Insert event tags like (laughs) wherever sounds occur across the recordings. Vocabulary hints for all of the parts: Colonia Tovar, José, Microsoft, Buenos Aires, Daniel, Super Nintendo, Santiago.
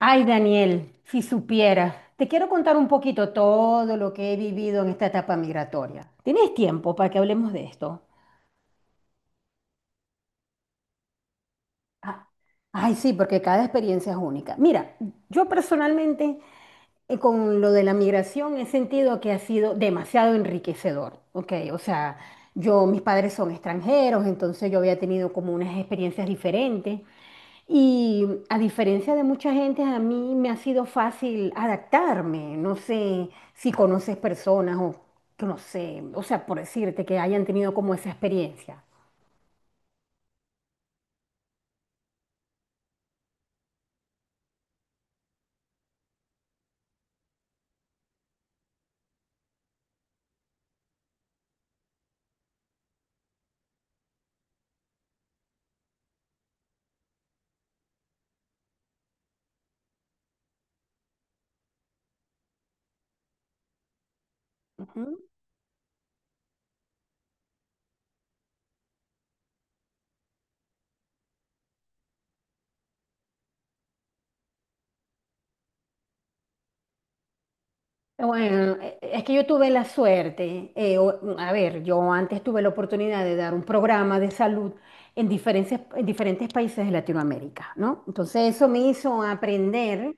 Ay, Daniel, si supiera, te quiero contar un poquito todo lo que he vivido en esta etapa migratoria. ¿Tienes tiempo para que hablemos de esto? Ah, ay, sí, porque cada experiencia es única. Mira, yo personalmente con lo de la migración he sentido que ha sido demasiado enriquecedor, ¿ok? O sea, yo, mis padres son extranjeros, entonces yo había tenido como unas experiencias diferentes y a diferencia de mucha gente, a mí me ha sido fácil adaptarme. No sé si conoces personas o que no sé, o sea, por decirte que hayan tenido como esa experiencia. Bueno, es que yo tuve la suerte, a ver, yo antes tuve la oportunidad de dar un programa de salud en diferentes países de Latinoamérica, ¿no? Entonces eso me hizo aprender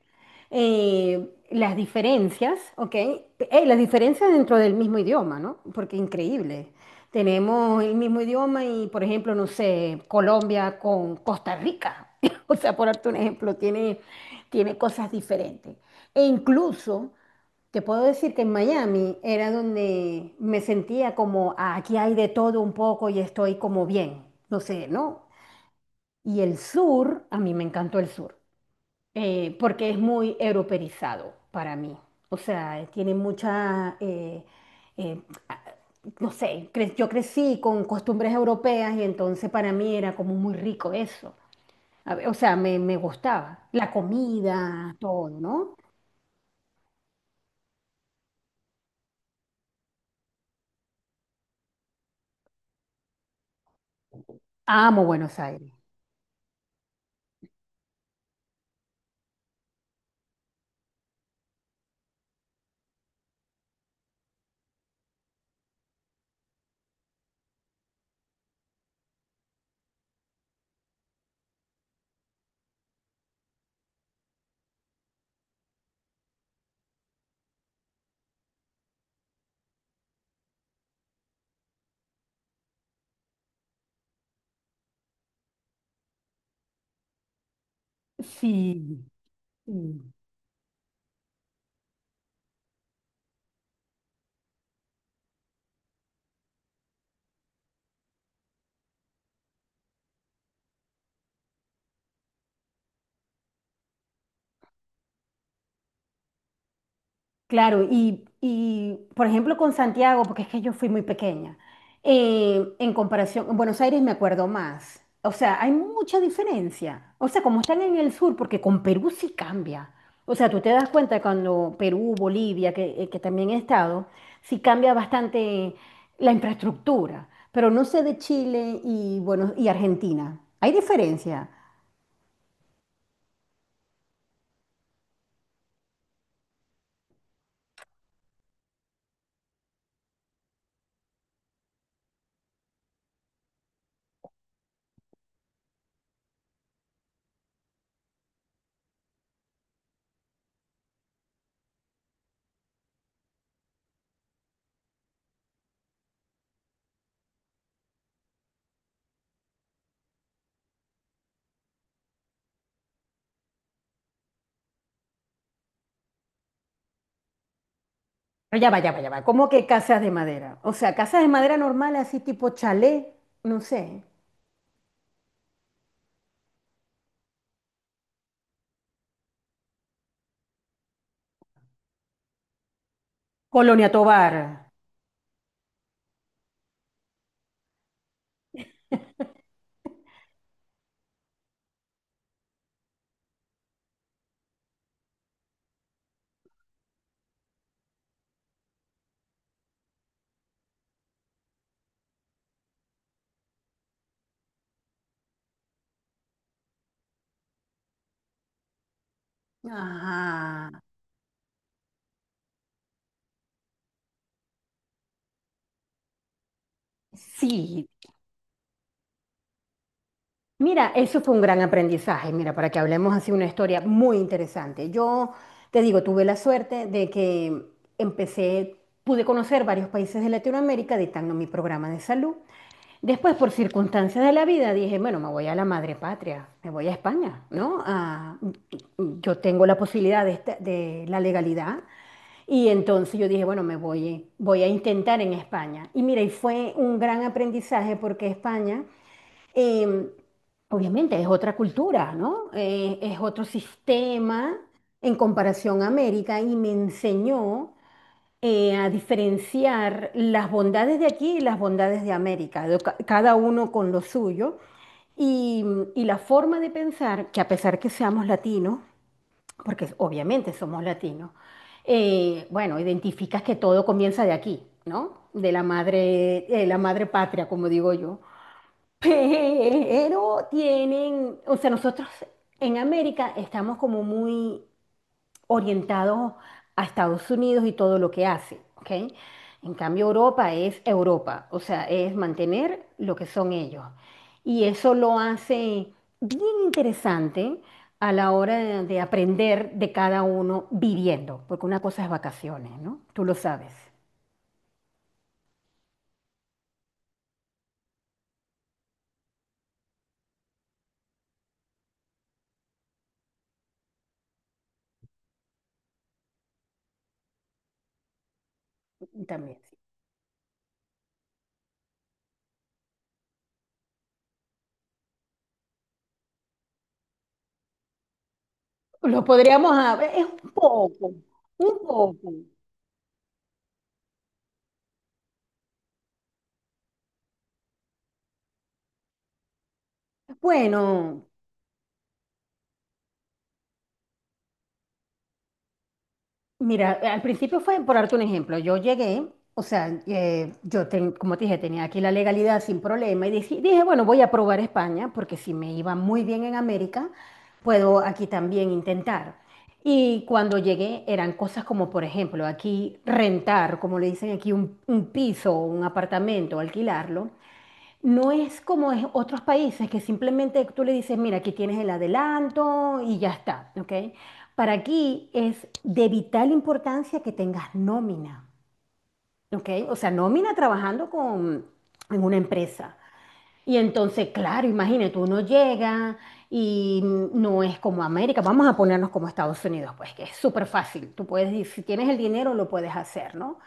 las diferencias, ¿ok? Las diferencias dentro del mismo idioma, ¿no? Porque increíble. Tenemos el mismo idioma y, por ejemplo, no sé, Colombia con Costa Rica, (laughs) o sea, por darte un ejemplo, tiene cosas diferentes. E incluso... Te puedo decir que en Miami era donde me sentía como "Ah, aquí hay de todo un poco y estoy como bien, no sé, ¿no?". Y el sur, a mí me encantó el sur, porque es muy europeizado para mí. O sea, tiene mucha, eh, a- no sé, yo crecí con costumbres europeas y entonces para mí era como muy rico eso. A ver, o sea, me gustaba la comida, todo, ¿no? Amo Buenos Aires. Sí, sí. Claro, y, por ejemplo con Santiago, porque es que yo fui muy pequeña, en comparación, en Buenos Aires me acuerdo más. O sea, hay mucha diferencia. O sea, como están en el sur, porque con Perú sí cambia. O sea, tú te das cuenta cuando Perú, Bolivia, que también he estado, sí cambia bastante la infraestructura. Pero no sé de Chile y, bueno, y Argentina. Hay diferencia. Pero ya va. ¿Cómo que casas de madera? O sea, casas de madera normal, así tipo chalet, no sé. Colonia Tovar. Ajá. Sí. Mira, eso fue un gran aprendizaje, mira, para que hablemos así una historia muy interesante. Yo te digo, tuve la suerte de que empecé, pude conocer varios países de Latinoamérica dictando mi programa de salud. Después, por circunstancias de la vida, dije, bueno, me voy a la madre patria, me voy a España, ¿no? Ah, yo tengo la posibilidad de, de la legalidad y entonces yo dije, bueno, me voy, voy a intentar en España. Y mira, y fue un gran aprendizaje porque España, eh, obviamente, es otra cultura, ¿no? Es otro sistema en comparación a América y me enseñó a diferenciar las bondades de aquí y las bondades de América, de cada uno con lo suyo, y, y la forma de pensar que a pesar que seamos latinos, porque obviamente somos latinos, bueno, identificas que todo comienza de aquí, ¿no? De la madre patria, como digo yo. Pero tienen, o sea, nosotros en América estamos como muy orientado a Estados Unidos y todo lo que hace, ¿ok? En cambio, Europa es Europa, o sea, es mantener lo que son ellos. Y eso lo hace bien interesante a la hora de aprender de cada uno viviendo, porque una cosa es vacaciones, ¿no? Tú lo sabes también. Lo podríamos, es un poco, un poco. Bueno. Mira, al principio fue, por darte un ejemplo, yo llegué, o sea, como te dije, tenía aquí la legalidad sin problema y dije, bueno, voy a probar España porque si me iba muy bien en América, puedo aquí también intentar. Y cuando llegué eran cosas como, por ejemplo, aquí rentar, como le dicen aquí, un piso, un apartamento, alquilarlo. No es como en otros países que simplemente tú le dices, mira, aquí tienes el adelanto y ya está, ¿ok? Para aquí es de vital importancia que tengas nómina, ¿ok? O sea, nómina trabajando en una empresa. Y entonces, claro, imagínate, uno llega y no es como América, vamos a ponernos como Estados Unidos, pues que es súper fácil. Tú puedes, si tienes el dinero, lo puedes hacer, ¿no?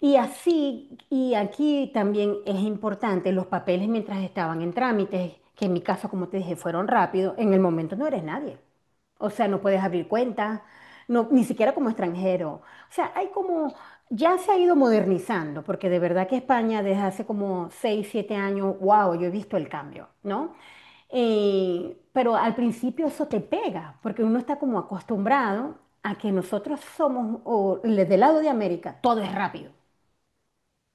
Y así, y aquí también es importante los papeles mientras estaban en trámites, que en mi caso, como te dije, fueron rápidos, en el momento no eres nadie. O sea, no puedes abrir cuentas, no, ni siquiera como extranjero. O sea, hay como, ya se ha ido modernizando, porque de verdad que España desde hace como 6 o 7 años, wow, yo he visto el cambio, ¿no? Pero al principio eso te pega, porque uno está como acostumbrado a que nosotros somos, o del lado de América, todo es rápido.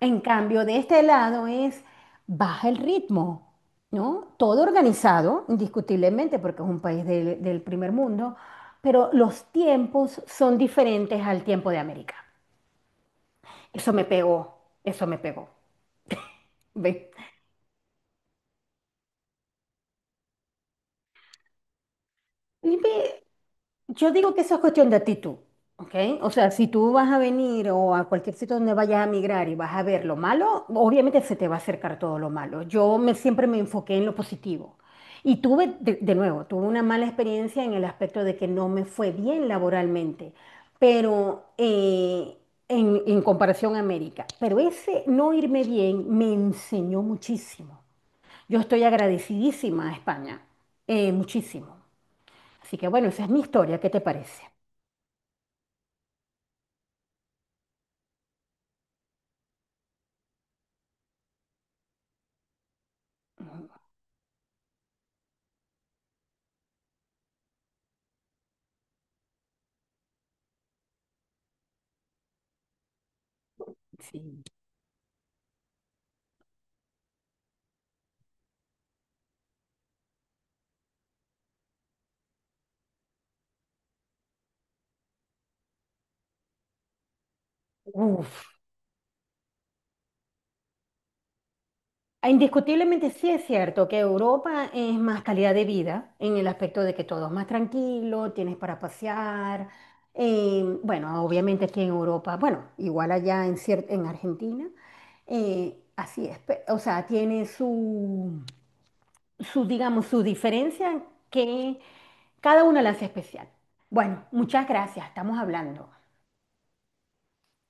En cambio, de este lado es baja el ritmo, ¿no? Todo organizado, indiscutiblemente, porque es un país del primer mundo, pero los tiempos son diferentes al tiempo de América. Eso me pegó, eso me pegó. ¿Ve? Y ve, yo digo que eso es cuestión de actitud, ¿ok? O sea, si tú vas a venir o a cualquier sitio donde vayas a migrar y vas a ver lo malo, obviamente se te va a acercar todo lo malo. Yo me, siempre me enfoqué en lo positivo. Y tuve, de nuevo, tuve una mala experiencia en el aspecto de que no me fue bien laboralmente, pero en comparación a América. Pero ese no irme bien me enseñó muchísimo. Yo estoy agradecidísima a España, muchísimo. Así que bueno, esa es mi historia, ¿qué te parece? Sí. Uf. Ah, indiscutiblemente sí es cierto que Europa es más calidad de vida en el aspecto de que todo es más tranquilo, tienes para pasear. Eh, bueno, obviamente aquí en Europa, bueno, igual allá en, en Argentina, así es. O sea, tiene su, digamos, su diferencia que cada una la hace especial. Bueno, muchas gracias, estamos hablando.